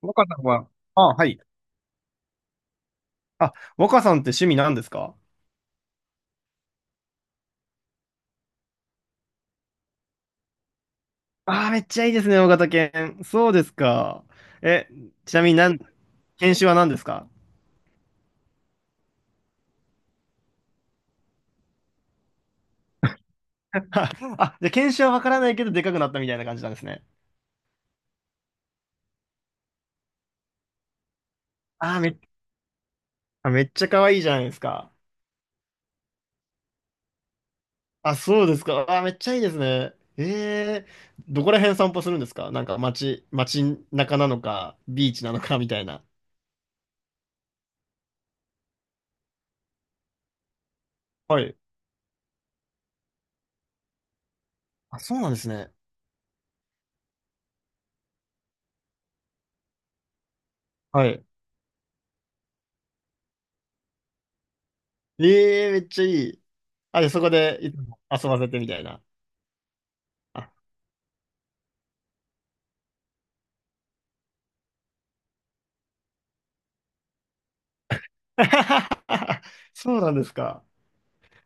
若さんは、あ、はい。あ、若さんって趣味なんですか？ああー、めっちゃいいですね、大型犬。そうですか。え、ちなみになん、犬種は何ですか？は あ、じゃあ犬種はわからないけど、でかくなったみたいな感じなんですね。ああめ、あ、めっちゃ可愛いじゃないですか。あ、そうですか。ああめっちゃいいですね。えどこら辺散歩するんですか？なんか街中なのか、ビーチなのかみたいな。はい。あ、そうなんですね。はい。えめっちゃいい。あ、で、そこでいつも遊ばせてみたいな。あ そうなんですか。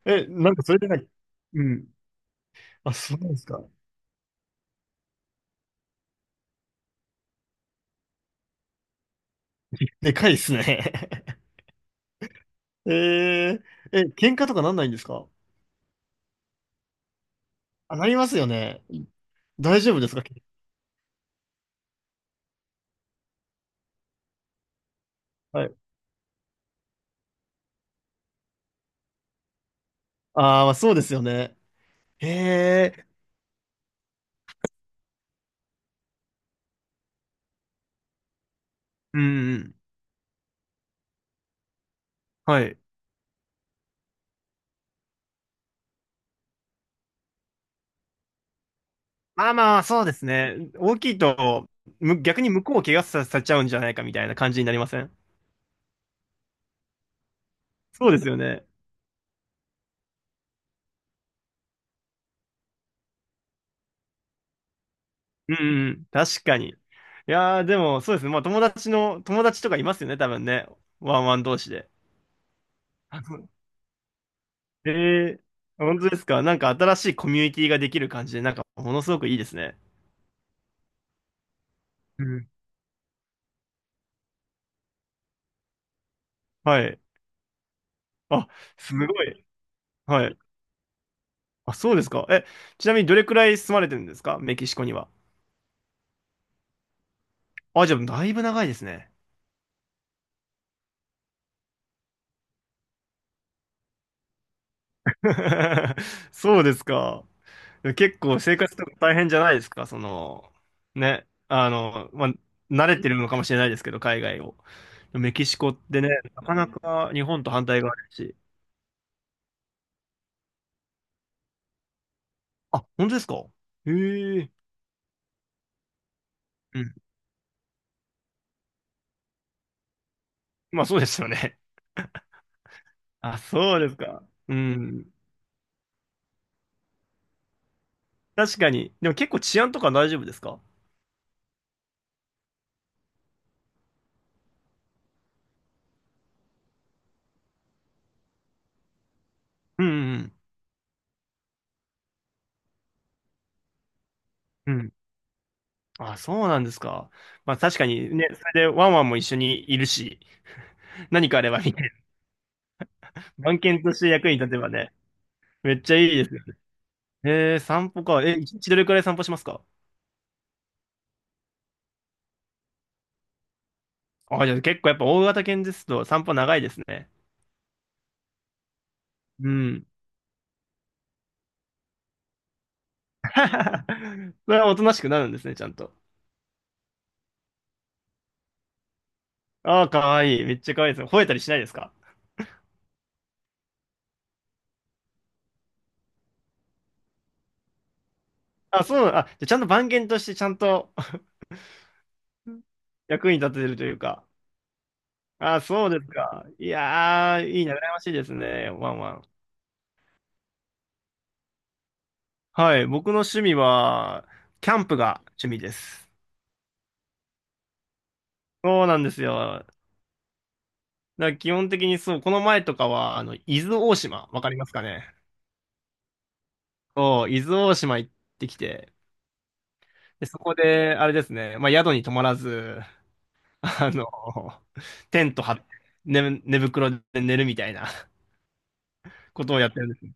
え、なんかそれでなんか、うん。あ、そうなんですか。でかいですね。えー、喧嘩とかなんないんですか？あ、なりますよね。大丈夫ですか？はい。あーまあそうですよね。へえ、うんうん。はい。まあまあ、そうですね。大きいと、逆に向こうを怪我させちゃうんじゃないかみたいな感じになりません？そうですよね。うんうん、確かに。いやー、でも、そうですね。まあ、友達とかいますよね、多分ね。ワンワン同士で。えー、本当ですか？なんか新しいコミュニティができる感じで、なんか、ものすごくいいですね。うんはい。あ、すごい。はい。あ、そうですか。え、ちなみにどれくらい住まれてるんですか？メキシコには。あ、じゃあ、だいぶ長いですね。そうですか。結構生活とか大変じゃないですか、その、ね、まあ、慣れてるのかもしれないですけど、海外を。メキシコってね、なかなか日本と反対側だし。あ、本当ですか？へえ。うん。まあそうですよね。あ、そうですか。うん。確かに。でも結構治安とか大丈夫ですか？うんうんうん。うん。あ、そうなんですか。まあ確かにね、それでワンワンも一緒にいるし、何かあればね、番犬として役に立てばね、めっちゃいいです。散歩か。え、一日どれくらい散歩しますか？あ、じゃあ結構やっぱ大型犬ですと散歩長いですね。うん。それはおとなしくなるんですね、ちゃんと。ああ、かわいい。めっちゃかわいいです。吠えたりしないですか？あ、そうなあ、じゃあちゃんと番犬としてちゃんと 役に立ててるというか。あ、そうですか。いやー、いいな、羨ましいですね。ワンワン。はい、僕の趣味は、キャンプが趣味です。そうなんですよ。だから基本的にそう、この前とかは、伊豆大島、わかりますかね？そう、伊豆大島行ってきて、で、そこで、あれですね、まあ、宿に泊まらず、あの、テント張って、寝袋で寝るみたいな ことをやってるんですね。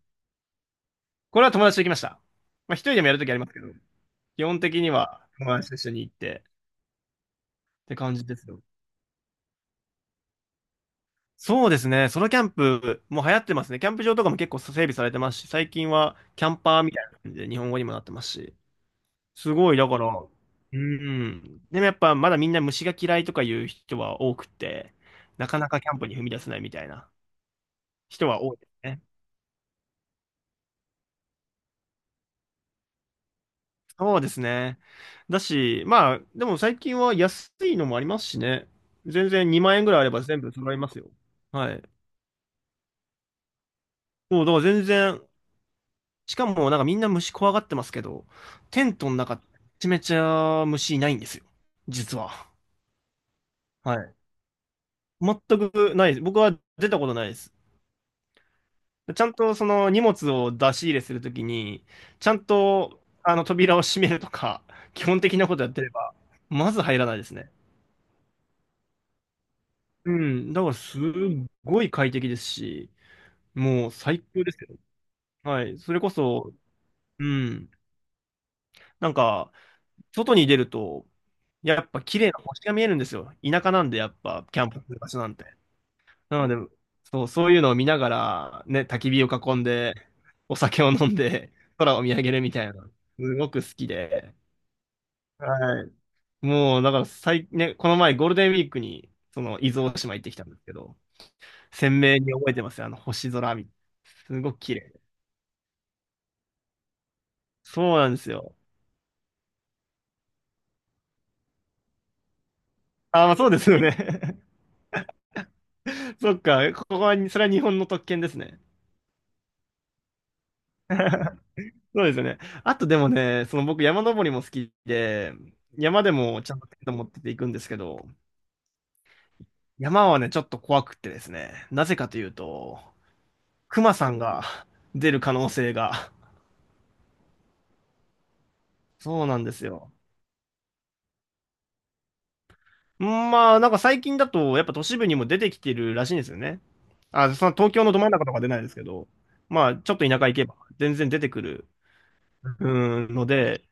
これは友達と行きました。まあ、一人でもやるときありますけど、基本的には友達と一緒に行ってって感じですよ。そうですね、ソロキャンプも流行ってますね。キャンプ場とかも結構整備されてますし、最近はキャンパーみたいな感じで日本語にもなってますし、すごい、だから、うん。でもやっぱまだみんな虫が嫌いとかいう人は多くて、なかなかキャンプに踏み出せないみたいな人は多いですね。そうですね。だし、まあ、でも最近は安いのもありますしね。全然2万円ぐらいあれば全部揃いますよ。はい。そう、だから全然、しかもなんかみんな虫怖がってますけど、テントの中、めちゃめちゃ虫いないんですよ。実は。はい。全くないです。僕は出たことないです。ちゃんとその荷物を出し入れするときに、ちゃんとあの扉を閉めるとか、基本的なことやってれば、まず入らないですね。うん。だからすっごい快適ですし、もう最高ですよ。はい。それこそ、うん。なんか、外に出ると、やっぱ綺麗な星が見えるんですよ。田舎なんで、やっぱ、キャンプする場所なんて。なので、そう、そういうのを見ながら、ね、焚き火を囲んで、お酒を飲んで、空を見上げるみたいな、すごく好きで。はい。もう、だからね、この前ゴールデンウィークに、その、伊豆大島行ってきたんですけど、鮮明に覚えてますよ。星空見、すごく綺麗。そうなんですよ。あ、まあそうですよね。そっか、ここは、それは日本の特権ですね。そうですよね。あとでもね、その僕山登りも好きで、山でもちゃんとテント持ってて行くんですけど、山はね、ちょっと怖くってですね、なぜかというと、熊さんが出る可能性が、そうなんですよ。まあ、なんか最近だと、やっぱ都市部にも出てきてるらしいんですよね。あ、その東京のど真ん中とか出ないですけど、まあ、ちょっと田舎行けば全然出てくる、うん、ので、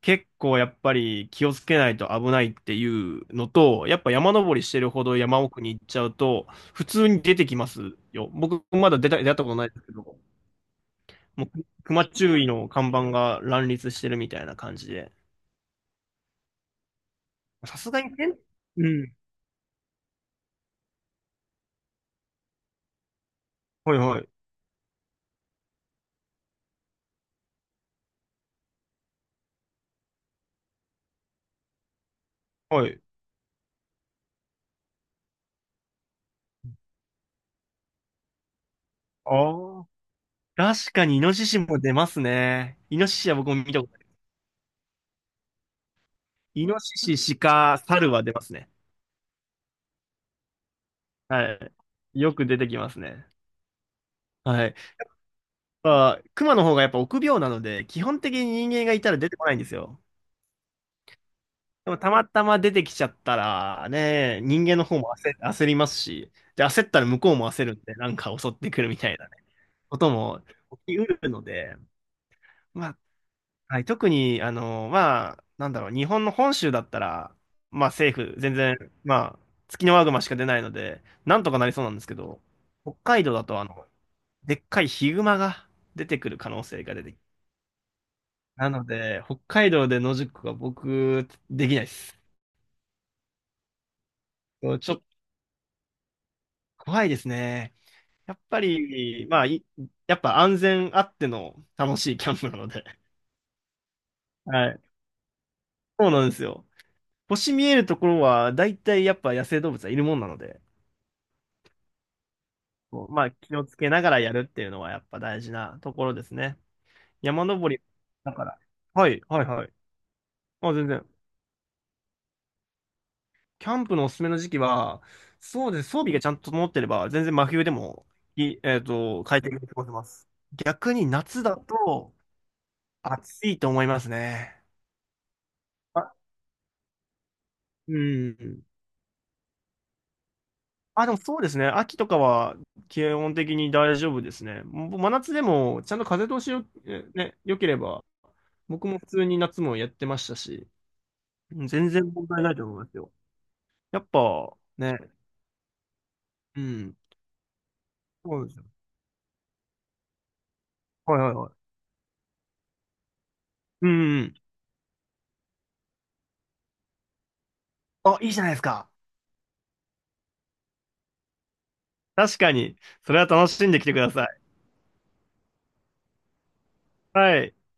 結構やっぱり気をつけないと危ないっていうのと、やっぱ山登りしてるほど山奥に行っちゃうと、普通に出てきますよ。僕まだ出会ったことないですけど、もう熊注意の看板が乱立してるみたいな感じで。さすがにね、うん。はいはい。はい。ああ。確かにイノシシも出ますね。イノシシは僕も見たことなイノシシ、鹿、猿は出ますね。はい。よく出てきますね。はい。まあ、熊の方がやっぱ臆病なので、基本的に人間がいたら出てこないんですよ。でもたまたま出てきちゃったら、ね、人間の方も焦りますし、で、焦ったら向こうも焦るんで、なんか襲ってくるみたいなね、ことも起きうるので、まあはい、特に、まあ、なんだろう、日本の本州だったら、まあ政府、全然、まあ、ツキノワグマしか出ないので、なんとかなりそうなんですけど、北海道だと、でっかいヒグマが出てくる可能性が出てきなので、北海道で野宿は僕、できないです。ちょっと怖いですね。やっぱり、まあ、やっぱ安全あっての楽しいキャンプなので。はい。そうなんですよ。星見えるところは、だいたいやっぱ野生動物はいるもんなので。こうまあ、気をつけながらやるっていうのはやっぱ大事なところですね。山登り、だから。はい、はい、はい。あ、全然。キャンプのおすすめの時期は、そうですね。装備がちゃんと整ってれば、全然真冬でも、い、えっと、快適に過ごせます。逆に夏だと暑いと思いますね。あ、うん。あ、でもそうですね。秋とかは基本的に大丈夫ですね。もう真夏でもちゃんと風通しよ、良ければ、僕も普通に夏もやってましたし。うん全然問題ないと思いますよ。やっぱ、ね。うん。そうですよ。はいはいはい。うんうん。あ、いいじゃないですか。確かに。それは楽しんできてください。はい。